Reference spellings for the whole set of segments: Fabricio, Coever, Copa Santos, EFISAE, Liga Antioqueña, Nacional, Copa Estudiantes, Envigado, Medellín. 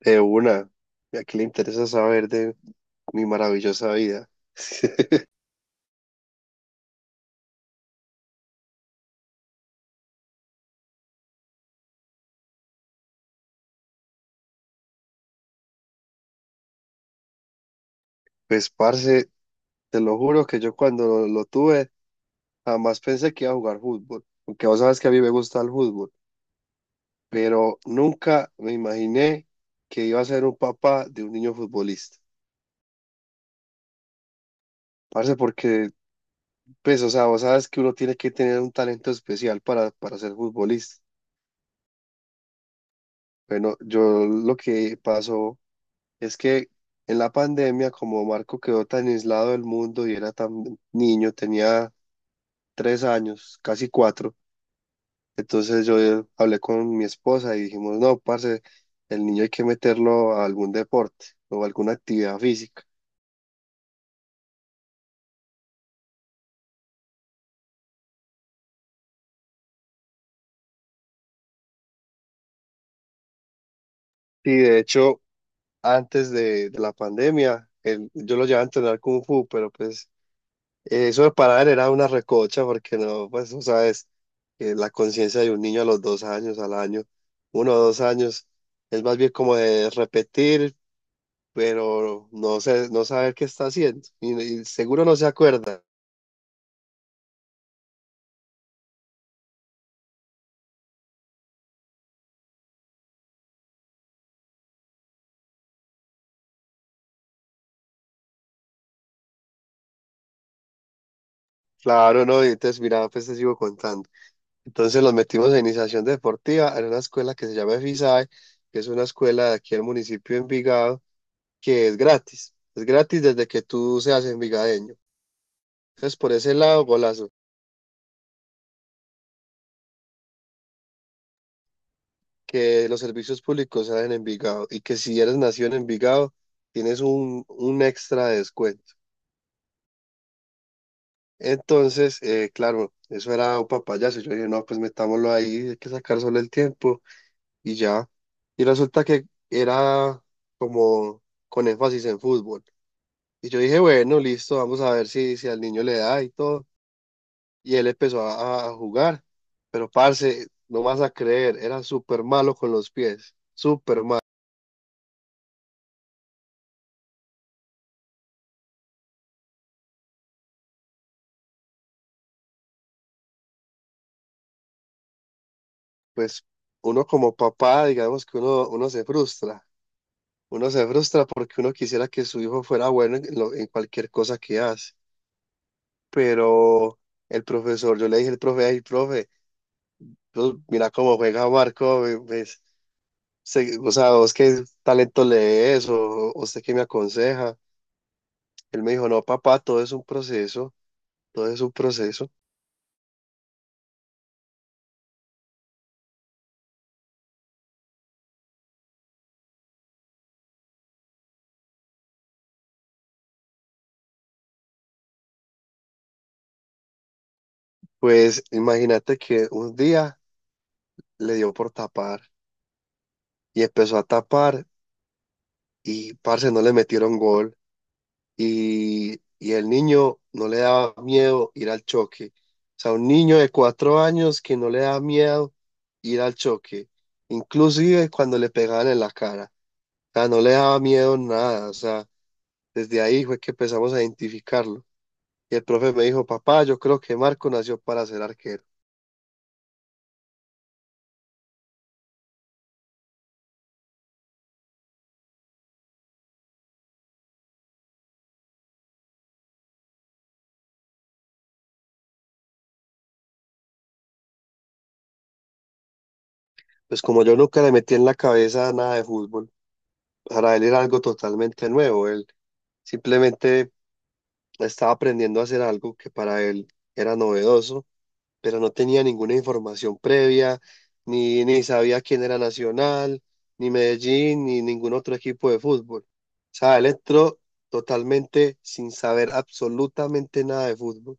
De una, ya que le interesa saber de mi maravillosa vida. Pues, parce, te lo juro que yo cuando lo tuve, jamás pensé que iba a jugar fútbol. Aunque vos sabes que a mí me gusta el fútbol, pero nunca me imaginé que iba a ser un papá de un niño futbolista. Parce, porque, pues, o sea, vos sabes que uno tiene que tener un talento especial para ser futbolista. Bueno, yo lo que pasó. Es que en la pandemia, como Marco quedó tan aislado del mundo y era tan niño, tenía 3 años, casi 4, entonces yo hablé con mi esposa y dijimos, no, parce, el niño hay que meterlo a algún deporte o alguna actividad física. Y de hecho, antes de la pandemia, yo lo llevaba a entrenar Kung Fu, pero pues eso de parar era una recocha porque no, pues tú sabes que la conciencia de un niño a los 2 años, al año, uno o dos años, es más bien como de repetir, pero no sé, no saber qué está haciendo y seguro no se acuerda. Claro, no, y entonces mira, pues te sigo contando. Entonces los metimos en iniciación deportiva en una escuela que se llama EFISAE, que es una escuela de aquí del municipio de Envigado, que es gratis. Es gratis desde que tú seas envigadeño. Entonces por ese lado, golazo. Que los servicios públicos salen en Envigado y que si eres nacido en Envigado, tienes un extra de descuento. Entonces, claro, eso era un papayazo. Yo dije, no, pues metámoslo ahí, hay que sacar solo el tiempo y ya. Y resulta que era como con énfasis en fútbol. Y yo dije, bueno, listo, vamos a ver si, si al niño le da y todo. Y él empezó a jugar. Pero, parce, no vas a creer, era súper malo con los pies, súper malo. Pues uno como papá, digamos que uno, uno se frustra porque uno quisiera que su hijo fuera bueno en, en cualquier cosa que hace, pero el profesor, yo le dije al profe, ay, profe, pues, mira cómo juega Marco, pues, o sea, vos qué talento lees o usted qué me aconseja. Él me dijo, no, papá, todo es un proceso, todo es un proceso. Pues imagínate que un día le dio por tapar y empezó a tapar y, parce, no le metieron gol. Y, y el niño no le daba miedo ir al choque. O sea, un niño de 4 años que no le da miedo ir al choque, inclusive cuando le pegaban en la cara. O sea, no le daba miedo nada. O sea, desde ahí fue que empezamos a identificarlo. Y el profe me dijo, papá, yo creo que Marco nació para ser arquero. Pues como yo nunca le metí en la cabeza nada de fútbol, para él era algo totalmente nuevo. Él simplemente estaba aprendiendo a hacer algo que para él era novedoso. Pero no tenía ninguna información previa, ni sabía quién era Nacional, ni Medellín, ni ningún otro equipo de fútbol. O sea, él entró totalmente sin saber absolutamente nada de fútbol.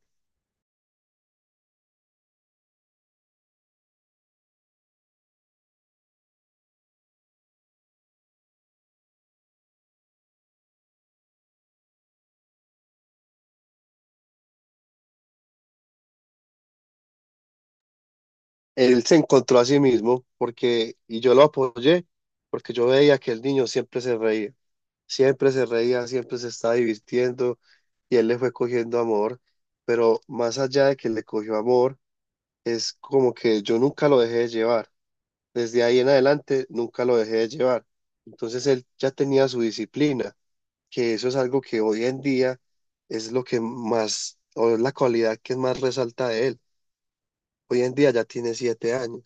Él se encontró a sí mismo porque, y yo lo apoyé, porque yo veía que el niño siempre se reía, siempre se reía, siempre se estaba divirtiendo y él le fue cogiendo amor, pero más allá de que le cogió amor, es como que yo nunca lo dejé de llevar. Desde ahí en adelante nunca lo dejé de llevar. Entonces él ya tenía su disciplina, que eso es algo que hoy en día es lo que más, o es la cualidad que más resalta de él. Hoy en día ya tiene 7 años.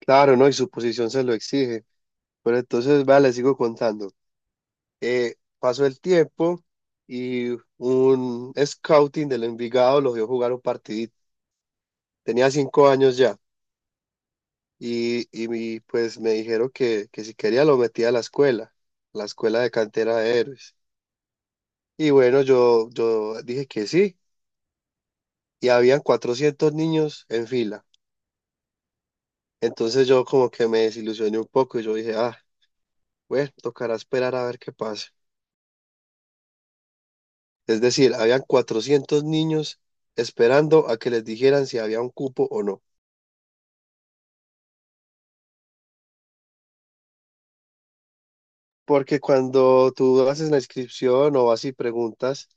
Claro, ¿no? Y su posición se lo exige. Pero entonces, vale, le sigo contando. Pasó el tiempo y un scouting del Envigado lo vio jugar un partidito. Tenía 5 años ya. Y pues me dijeron que si quería lo metía a la escuela de cantera de héroes. Y bueno, yo dije que sí, y habían 400 niños en fila. Entonces yo como que me desilusioné un poco y yo dije, ah, bueno, tocará esperar a ver qué pasa. Es decir, habían 400 niños esperando a que les dijeran si había un cupo o no. Porque cuando tú haces la inscripción o vas y preguntas,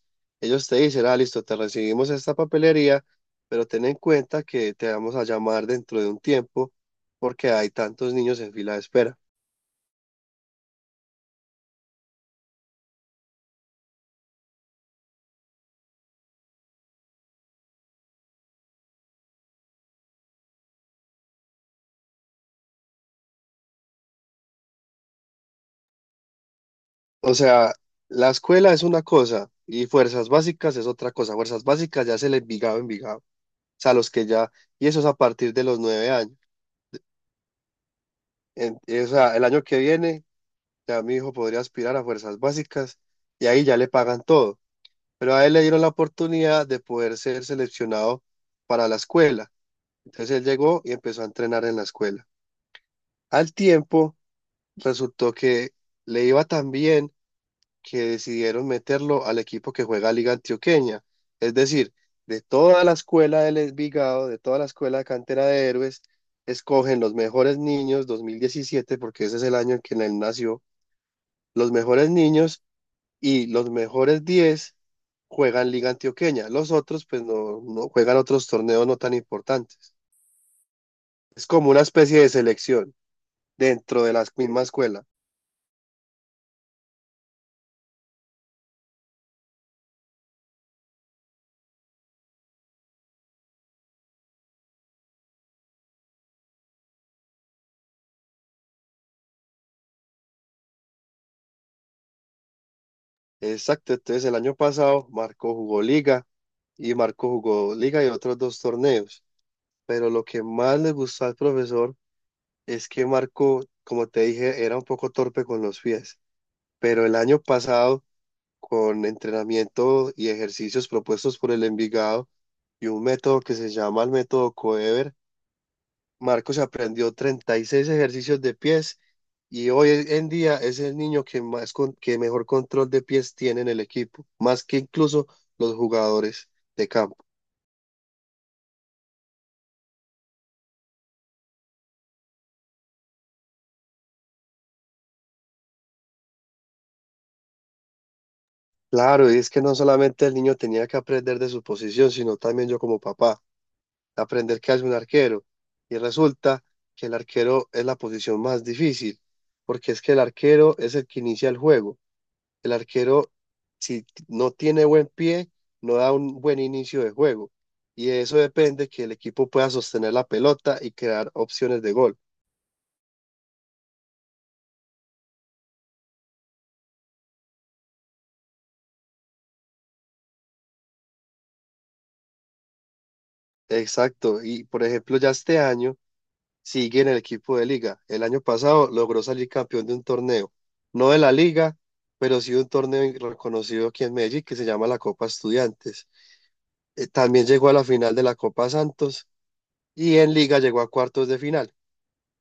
ellos te dicen, ah, listo, te recibimos esta papelería, pero ten en cuenta que te vamos a llamar dentro de un tiempo porque hay tantos niños en fila de espera. O sea, la escuela es una cosa y fuerzas básicas es otra cosa. Fuerzas básicas ya es el Envigado, Envigado. O sea, los que ya, y eso es a partir de los 9 años. O sea, el año que viene ya mi hijo podría aspirar a fuerzas básicas y ahí ya le pagan todo. Pero a él le dieron la oportunidad de poder ser seleccionado para la escuela. Entonces él llegó y empezó a entrenar en la escuela. Al tiempo, resultó que le iba tan bien que decidieron meterlo al equipo que juega Liga Antioqueña. Es decir, de toda la escuela del Envigado, de toda la escuela de cantera de héroes, escogen los mejores niños, 2017, porque ese es el año en que él nació, los mejores niños y los mejores 10 juegan Liga Antioqueña. Los otros, pues, no, no juegan otros torneos no tan importantes. Es como una especie de selección dentro de la misma escuela. Exacto, entonces el año pasado Marco jugó Liga y Marco jugó Liga y otros dos torneos. Pero lo que más le gustó al profesor es que Marco, como te dije, era un poco torpe con los pies. Pero el año pasado, con entrenamiento y ejercicios propuestos por el Envigado, y un método que se llama el método Coever. Marcos aprendió 36 ejercicios de pies y hoy en día es el niño que más que mejor control de pies tiene en el equipo, más que incluso los jugadores de campo. Claro, y es que no solamente el niño tenía que aprender de su posición, sino también yo como papá, aprender qué hace un arquero. Y resulta que el arquero es la posición más difícil, porque es que el arquero es el que inicia el juego. El arquero si no tiene buen pie, no da un buen inicio de juego. Y de eso depende que el equipo pueda sostener la pelota y crear opciones de gol. Exacto. Y por ejemplo, ya este año sigue en el equipo de liga. El año pasado logró salir campeón de un torneo, no de la liga, pero sí de un torneo reconocido aquí en Medellín que se llama la Copa Estudiantes. También llegó a la final de la Copa Santos y en liga llegó a cuartos de final,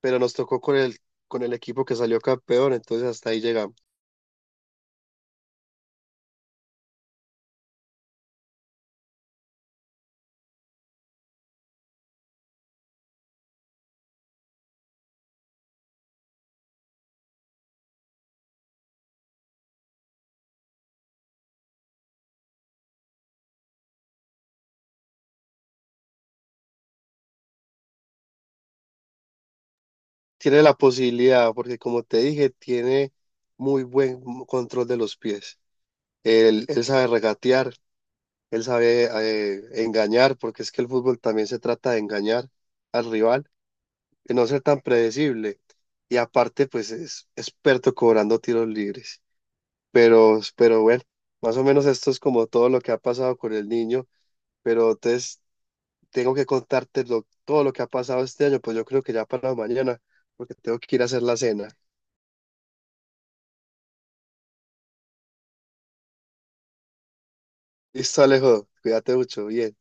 pero nos tocó con el equipo que salió campeón, entonces hasta ahí llegamos. Tiene la posibilidad, porque como te dije, tiene muy buen control de los pies. Él sabe regatear, él sabe engañar, porque es que el fútbol también se trata de engañar al rival, de no ser tan predecible. Y aparte, pues es experto cobrando tiros libres. Pero bueno, más o menos esto es como todo lo que ha pasado con el niño. Pero entonces tengo que contarte todo lo que ha pasado este año, pues yo creo que ya para mañana, porque tengo que ir a hacer la cena. Listo, Alejo. Cuídate mucho. Bien.